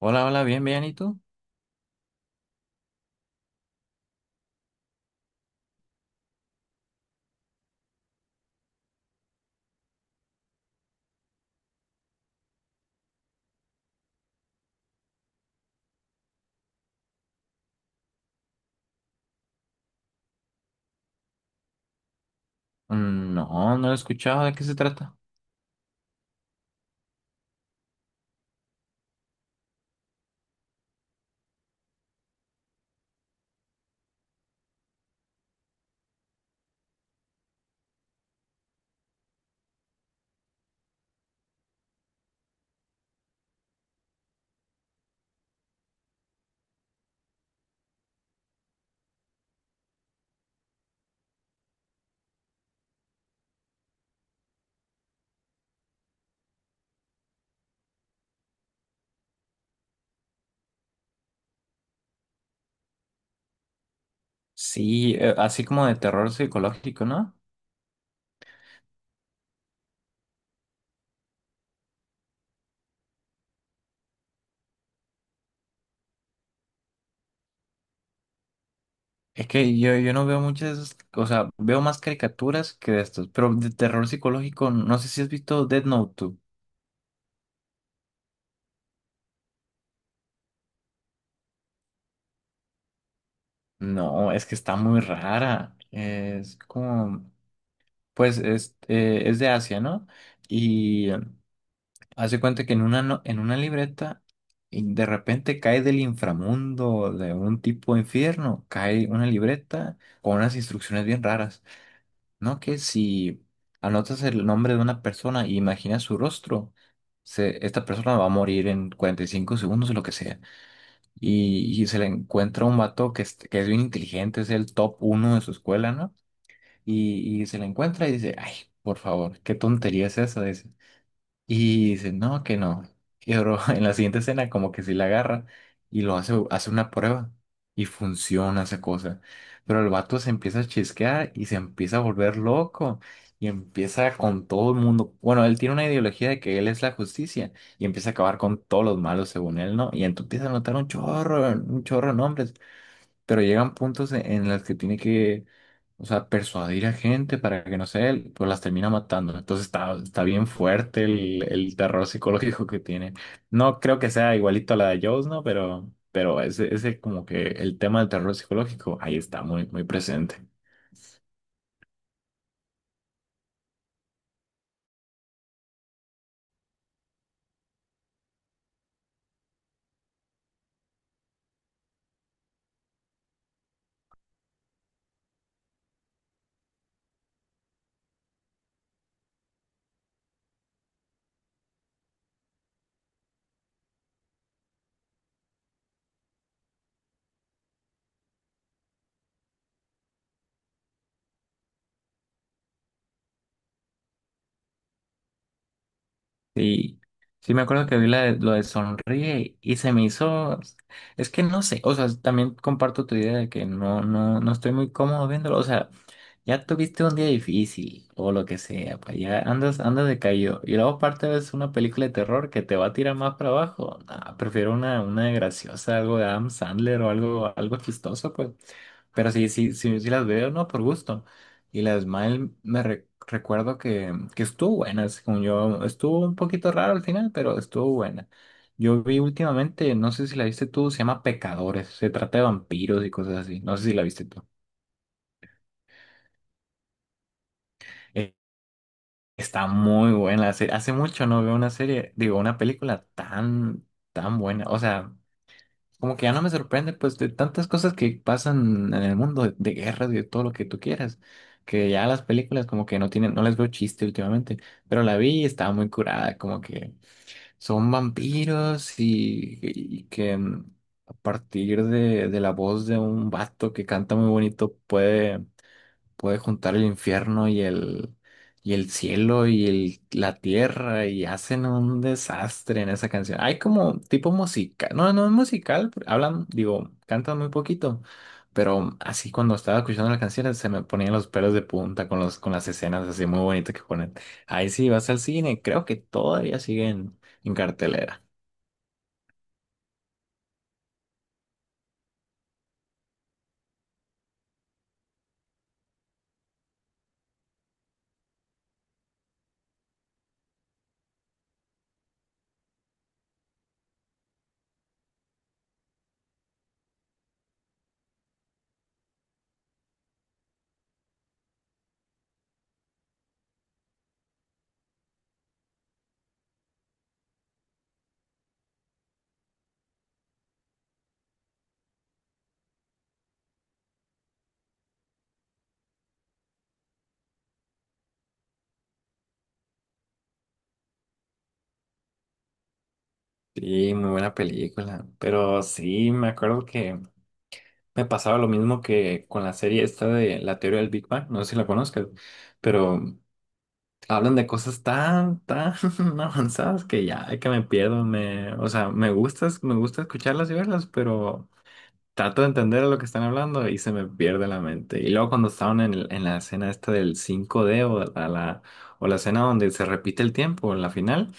Hola, hola, bien, bien, ¿y tú? Mm, no, no lo he escuchado, ¿de qué se trata? Sí, así como de terror psicológico, ¿no? Es que yo no veo muchas, o sea, veo más caricaturas que de estos, pero de terror psicológico, no sé si has visto Dead Note 2. No, es que está muy rara. Es como, pues es de Asia, ¿no? Y hace cuenta que en una, en una libreta, y de repente cae del inframundo, de un tipo infierno, cae una libreta con unas instrucciones bien raras, ¿no? Que si anotas el nombre de una persona y imaginas su rostro, esta persona va a morir en 45 segundos o lo que sea. Y se le encuentra un vato que es bien inteligente, es el top uno de su escuela, ¿no? Y se le encuentra y dice, ay, por favor, qué tontería es esa, y dice, no, que no. Y bro, en la siguiente escena como que sí la agarra y lo hace, hace una prueba y funciona esa cosa. Pero el vato se empieza a chisquear y se empieza a volver loco y empieza con todo el mundo. Bueno, él tiene una ideología de que él es la justicia y empieza a acabar con todos los malos según él, ¿no? Y entonces empieza a notar un chorro de nombres, pero llegan puntos en los que tiene que, o sea, persuadir a gente para que no sé, pues las termina matando. Entonces está, está bien fuerte el terror psicológico que tiene. No creo que sea igualito a la de Jaws, ¿no? Pero ese, ese como que el tema del terror psicológico ahí está muy, muy presente. Sí, sí me acuerdo que vi lo de Sonríe y se me hizo, es que no sé, o sea, también comparto tu idea de que no, no, no estoy muy cómodo viéndolo, o sea, ya tuviste un día difícil o lo que sea, pues ya andas, andas decaído. Y luego aparte ves una película de terror que te va a tirar más para abajo. Nah, prefiero una graciosa, algo de Adam Sandler o algo, algo chistoso, pues. Pero sí, sí, sí, sí las veo, ¿no? Por gusto. Y las mal recuerdo que estuvo buena, según yo. Estuvo un poquito raro al final, pero estuvo buena. Yo vi últimamente, no sé si la viste tú, se llama Pecadores. Se trata de vampiros y cosas así. No sé si la viste tú. Está muy buena la serie. Hace mucho no veo una serie, digo, una película tan, tan buena. O sea, como que ya no me sorprende, pues, de tantas cosas que pasan en el mundo, de guerras y de todo lo que tú quieras, que ya las películas como que no tienen, no les veo chiste últimamente. Pero la vi y estaba muy curada, como que son vampiros y que a partir de la voz de un vato que canta muy bonito puede juntar el infierno y el cielo y la tierra y hacen un desastre en esa canción. Hay como tipo musical, no, no es musical, pero hablan, digo, cantan muy poquito, pero así cuando estaba escuchando las canciones se me ponían los pelos de punta con los, con las escenas así muy bonitas que ponen. Ahí sí vas al cine, creo que todavía siguen en cartelera. Sí, muy buena película, pero sí, me acuerdo que me pasaba lo mismo que con la serie esta de la teoría del Big Bang, no sé si la conozcas, pero hablan de cosas tan, tan avanzadas que ya, ay, que me pierdo, me, o sea, me gusta escucharlas y verlas, pero trato de entender lo que están hablando y se me pierde la mente. Y luego cuando estaban en, en la escena esta del cinco d o la, o la escena donde se repite el tiempo en la final,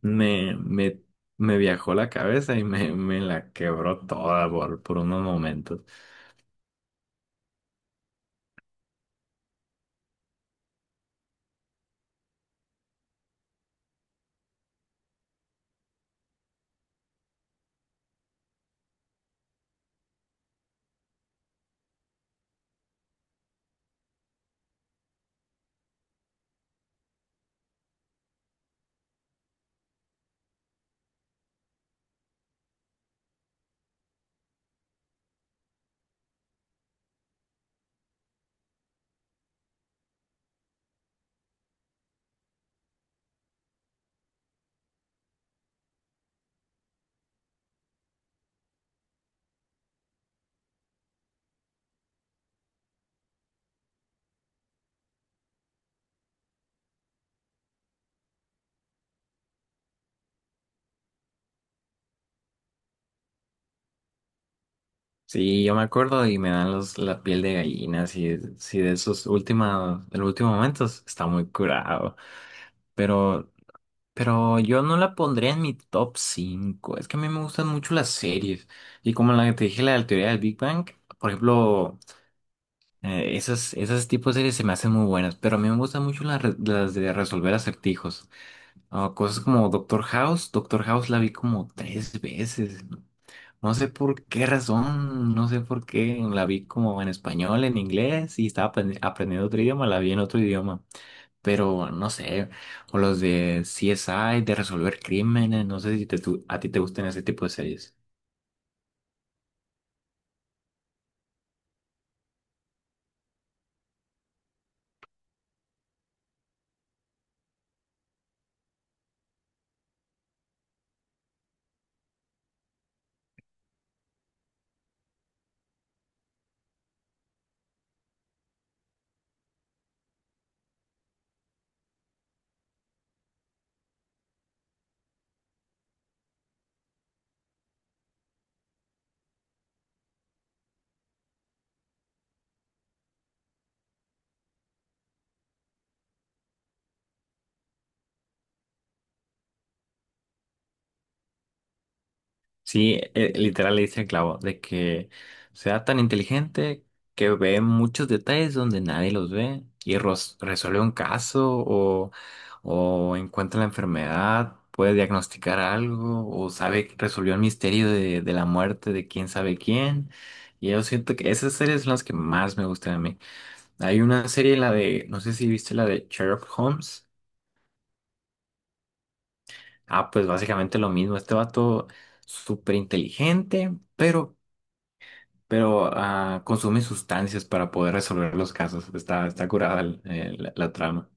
me, me, me viajó la cabeza y me la quebró toda por unos momentos. Sí, yo me acuerdo y me dan los, la piel de gallina, si, si de esos últimos, de los últimos momentos, está muy curado. Pero, pero yo no la pondría en mi top 5. Es que a mí me gustan mucho las series. Y como la que te dije, la de la teoría del Big Bang, por ejemplo, esas, esas tipos de series se me hacen muy buenas. Pero a mí me gustan mucho las, las de resolver acertijos. Ah, cosas como Doctor House. Doctor House la vi como tres veces. No sé por qué razón, no sé por qué la vi como en español, en inglés y estaba aprendiendo otro idioma, la vi en otro idioma, pero no sé, o los de CSI, de resolver crímenes, no sé si te, a ti te gustan ese tipo de series. Sí, literal le dice el clavo de que sea tan inteligente que ve muchos detalles donde nadie los ve y resuelve un caso o encuentra la enfermedad, puede diagnosticar algo o sabe que resolvió el misterio de la muerte de quién sabe quién. Y yo siento que esas series son las que más me gustan a mí. Hay una serie, la de, no sé si viste la de Sherlock Holmes. Ah, pues básicamente lo mismo. Este vato súper inteligente, pero ah, consume sustancias para poder resolver los casos. Está, está curada la, trama.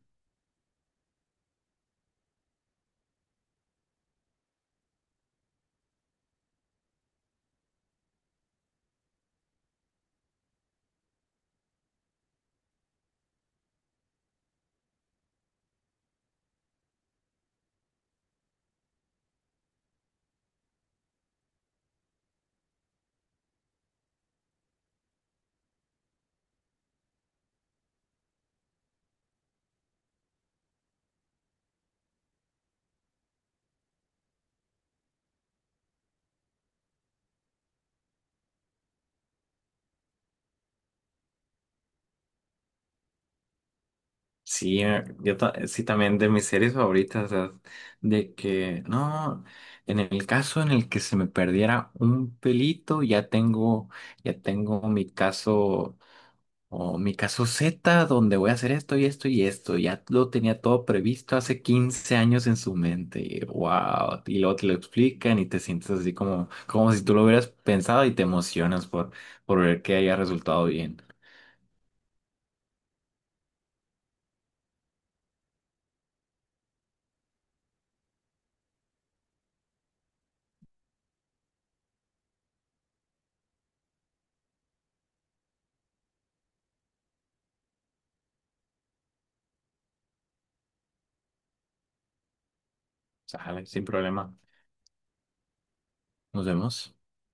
Sí, yo sí también de mis series favoritas, o sea, de que no, en el caso en el que se me perdiera un pelito, ya tengo mi caso, o mi caso Z, donde voy a hacer esto y esto y esto. Ya lo tenía todo previsto hace 15 años en su mente. Y, wow. Y luego te lo explican y te sientes así como, como si tú lo hubieras pensado y te emocionas por ver que haya resultado bien. Sale, sin problema. Nos vemos.